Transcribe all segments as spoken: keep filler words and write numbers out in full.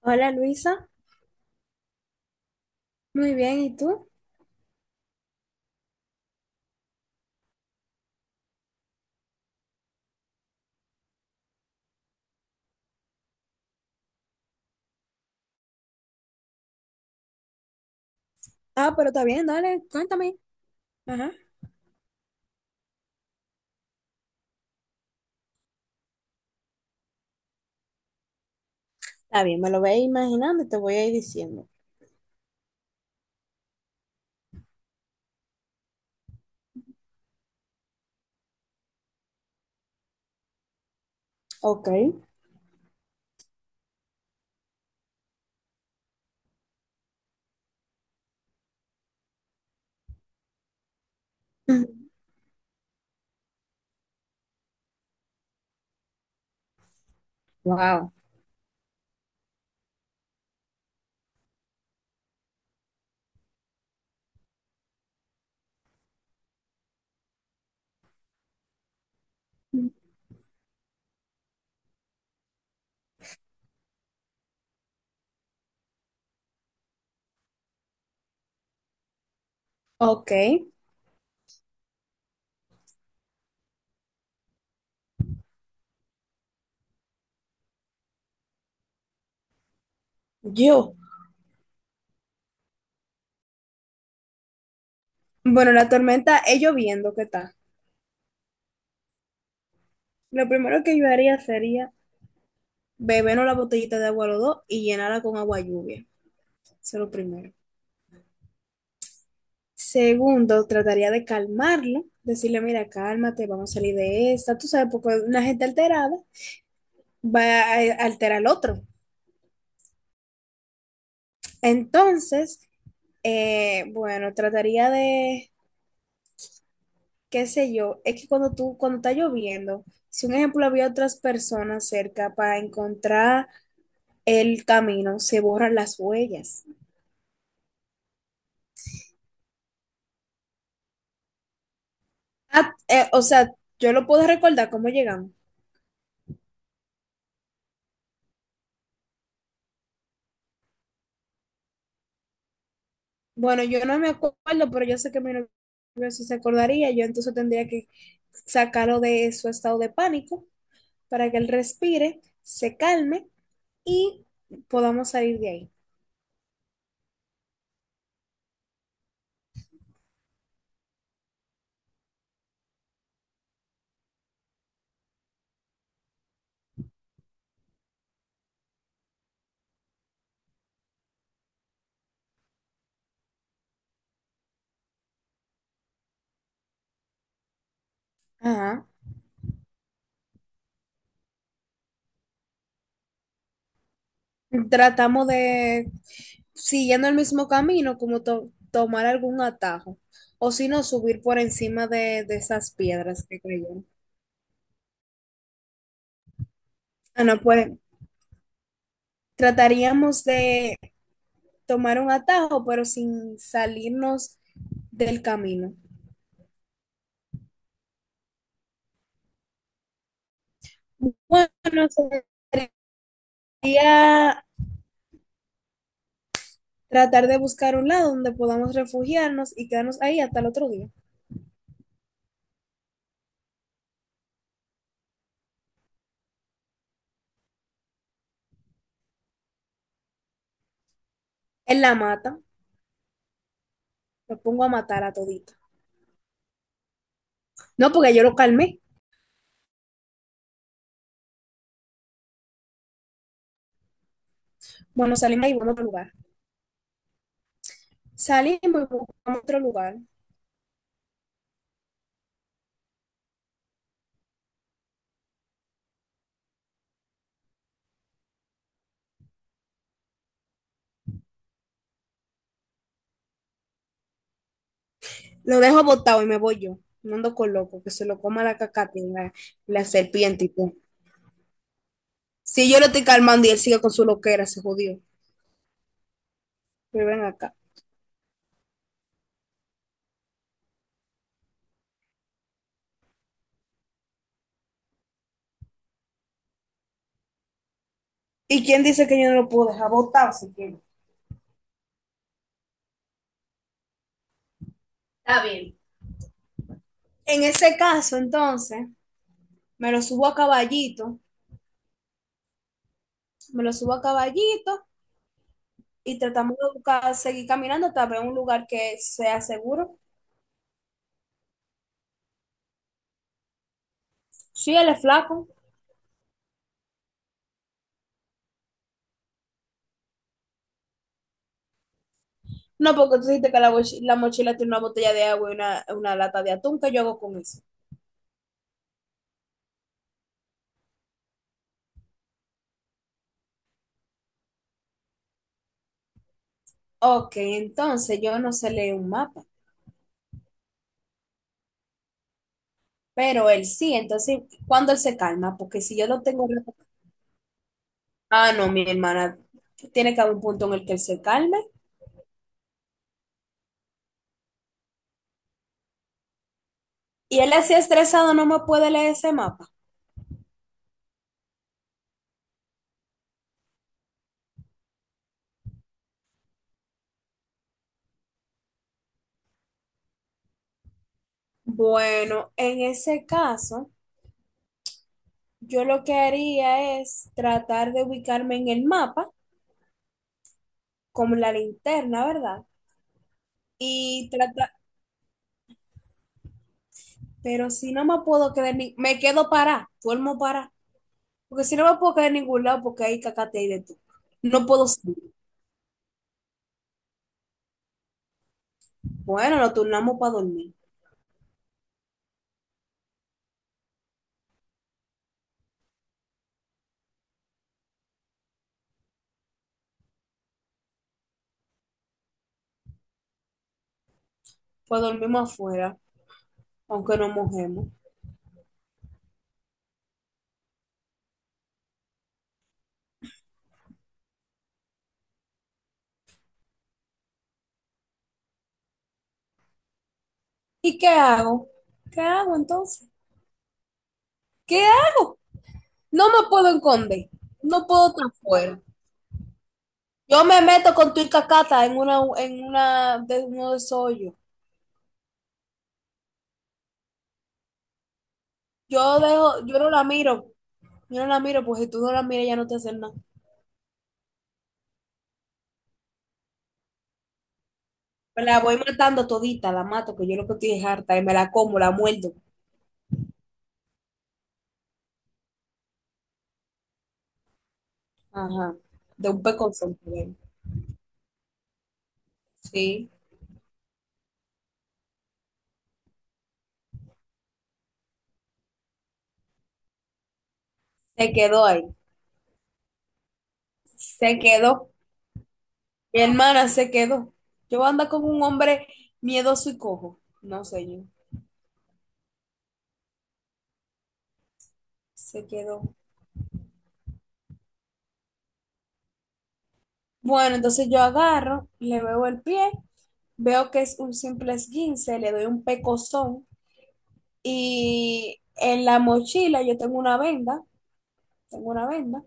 Hola Luisa, muy bien, ¿y tú? Ah, pero está bien, dale, cuéntame. Ajá. Está bien, me lo voy a ir imaginando y te voy a ir diciendo. Ok. Wow. Ok. Yo, bueno, la tormenta es lloviendo, ¿qué tal? Lo primero que yo haría sería beber una botellita de agua a los dos y llenarla con agua lluvia. Eso es lo primero. Segundo, trataría de calmarlo, decirle, mira, cálmate, vamos a salir de esta, tú sabes, porque una gente alterada va a alterar al otro. Entonces, Eh, bueno, trataría de, qué sé yo, es que cuando tú, cuando está lloviendo, si un ejemplo había otras personas cerca para encontrar el camino, se borran las huellas. Ah, eh, o sea, yo lo puedo recordar cómo llegamos. Bueno, yo no me acuerdo, pero yo sé que mi novio sí se acordaría, yo entonces tendría que sacarlo de su estado de pánico para que él respire, se calme y podamos salir de ahí. Ajá. Tratamos de, siguiendo el mismo camino, como to- tomar algún atajo, o si no, subir por encima de, de esas piedras que cayeron. Ah, no, pues trataríamos de tomar un atajo, pero sin salirnos del camino. Bueno, sería tratar de buscar un lado donde podamos refugiarnos y quedarnos ahí hasta el otro día. En la mata, me pongo a matar a todito. No, porque yo lo calmé. Bueno, salimos ahí, vamos a otro lugar. Salimos y buscamos otro lugar. Lo dejo botado y me voy yo. No ando con loco, que se lo coma la cacata y la, la serpiente y todo. Si yo lo estoy calmando y él sigue con su loquera, se jodió. Pero ven acá. ¿Y quién dice que yo no lo puedo dejar botado si quiero? Está bien. En ese caso, entonces, me lo subo a caballito, me lo subo a caballito y tratamos de buscar, seguir caminando hasta ver un lugar que sea seguro. Sí, él es flaco. No, porque tú dijiste que la, boch- la mochila tiene una botella de agua y una, una lata de atún. ¿Qué yo hago con eso? Ok, entonces yo no sé leer un mapa, pero él sí. Entonces, ¿cuándo él se calma? Porque si yo lo tengo... Ah, no, mi hermana, tiene que haber un punto en el que él se calme. Y él así estresado no me puede leer ese mapa. Bueno, en ese caso, yo lo que haría es tratar de ubicarme en el mapa con la linterna, ¿verdad? Y tratar. Pero si no me puedo quedar, ni, me quedo parada, duermo parada. Porque si no me puedo quedar en ningún lado porque hay cacate ahí de tú. No puedo salir. Bueno, nos turnamos para dormir. Pues dormimos afuera, aunque no mojemos. ¿Y qué hago? ¿Qué hago entonces? ¿Qué hago? No me puedo esconder. No puedo estar afuera. Yo me meto con tu cacata en una, en una, de uno de esos hoyos. Yo dejo, yo no la miro. Yo no la miro, pues si tú no la miras, ya no te hacen nada. Me la voy matando todita, la mato, que yo lo que estoy es harta, y me la como, la muerdo. Ajá. De un pecozón, ¿verdad? Sí. Se quedó ahí. Se quedó. Mi hermana se quedó. Yo ando con un hombre miedoso y cojo. No sé yo. Se quedó. Bueno, entonces yo agarro, le veo el pie, veo que es un simple esguince, le doy un pecozón y en la mochila yo tengo una venda, tengo una venda,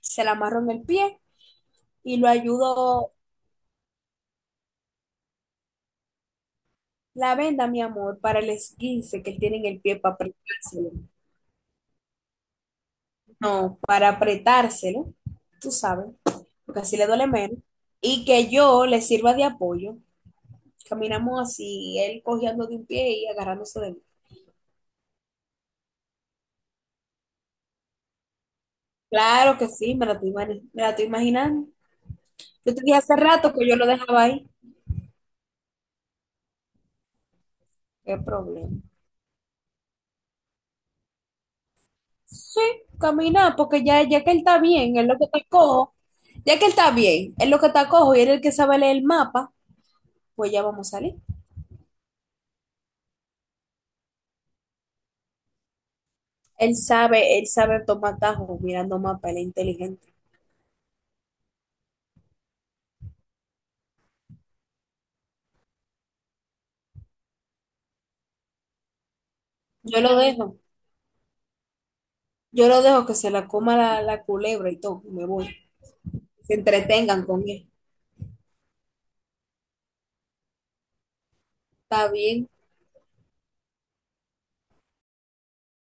se la amarro en el pie y lo ayudo. La venda, mi amor, para el esguince que él tiene en el pie para apretárselo. No, para apretárselo, tú sabes, porque así le duele menos. Y que yo le sirva de apoyo. Caminamos así, él cojeando de un pie y agarrándose de mí. Claro que sí, me la estoy, imag- me la estoy imaginando. Yo te dije hace rato que yo lo dejaba ahí. ¿Qué problema? Sí, caminar, porque ya, ya que él está bien, es lo que está cojo. Ya que él está bien, es lo que está cojo y él es el que sabe leer el mapa, pues ya vamos a salir. Él sabe, él sabe tomar tajos mirando mapa, él es inteligente. Yo lo dejo, yo lo dejo que se la coma la, la culebra y todo, y me voy. Se entretengan con él. Está bien.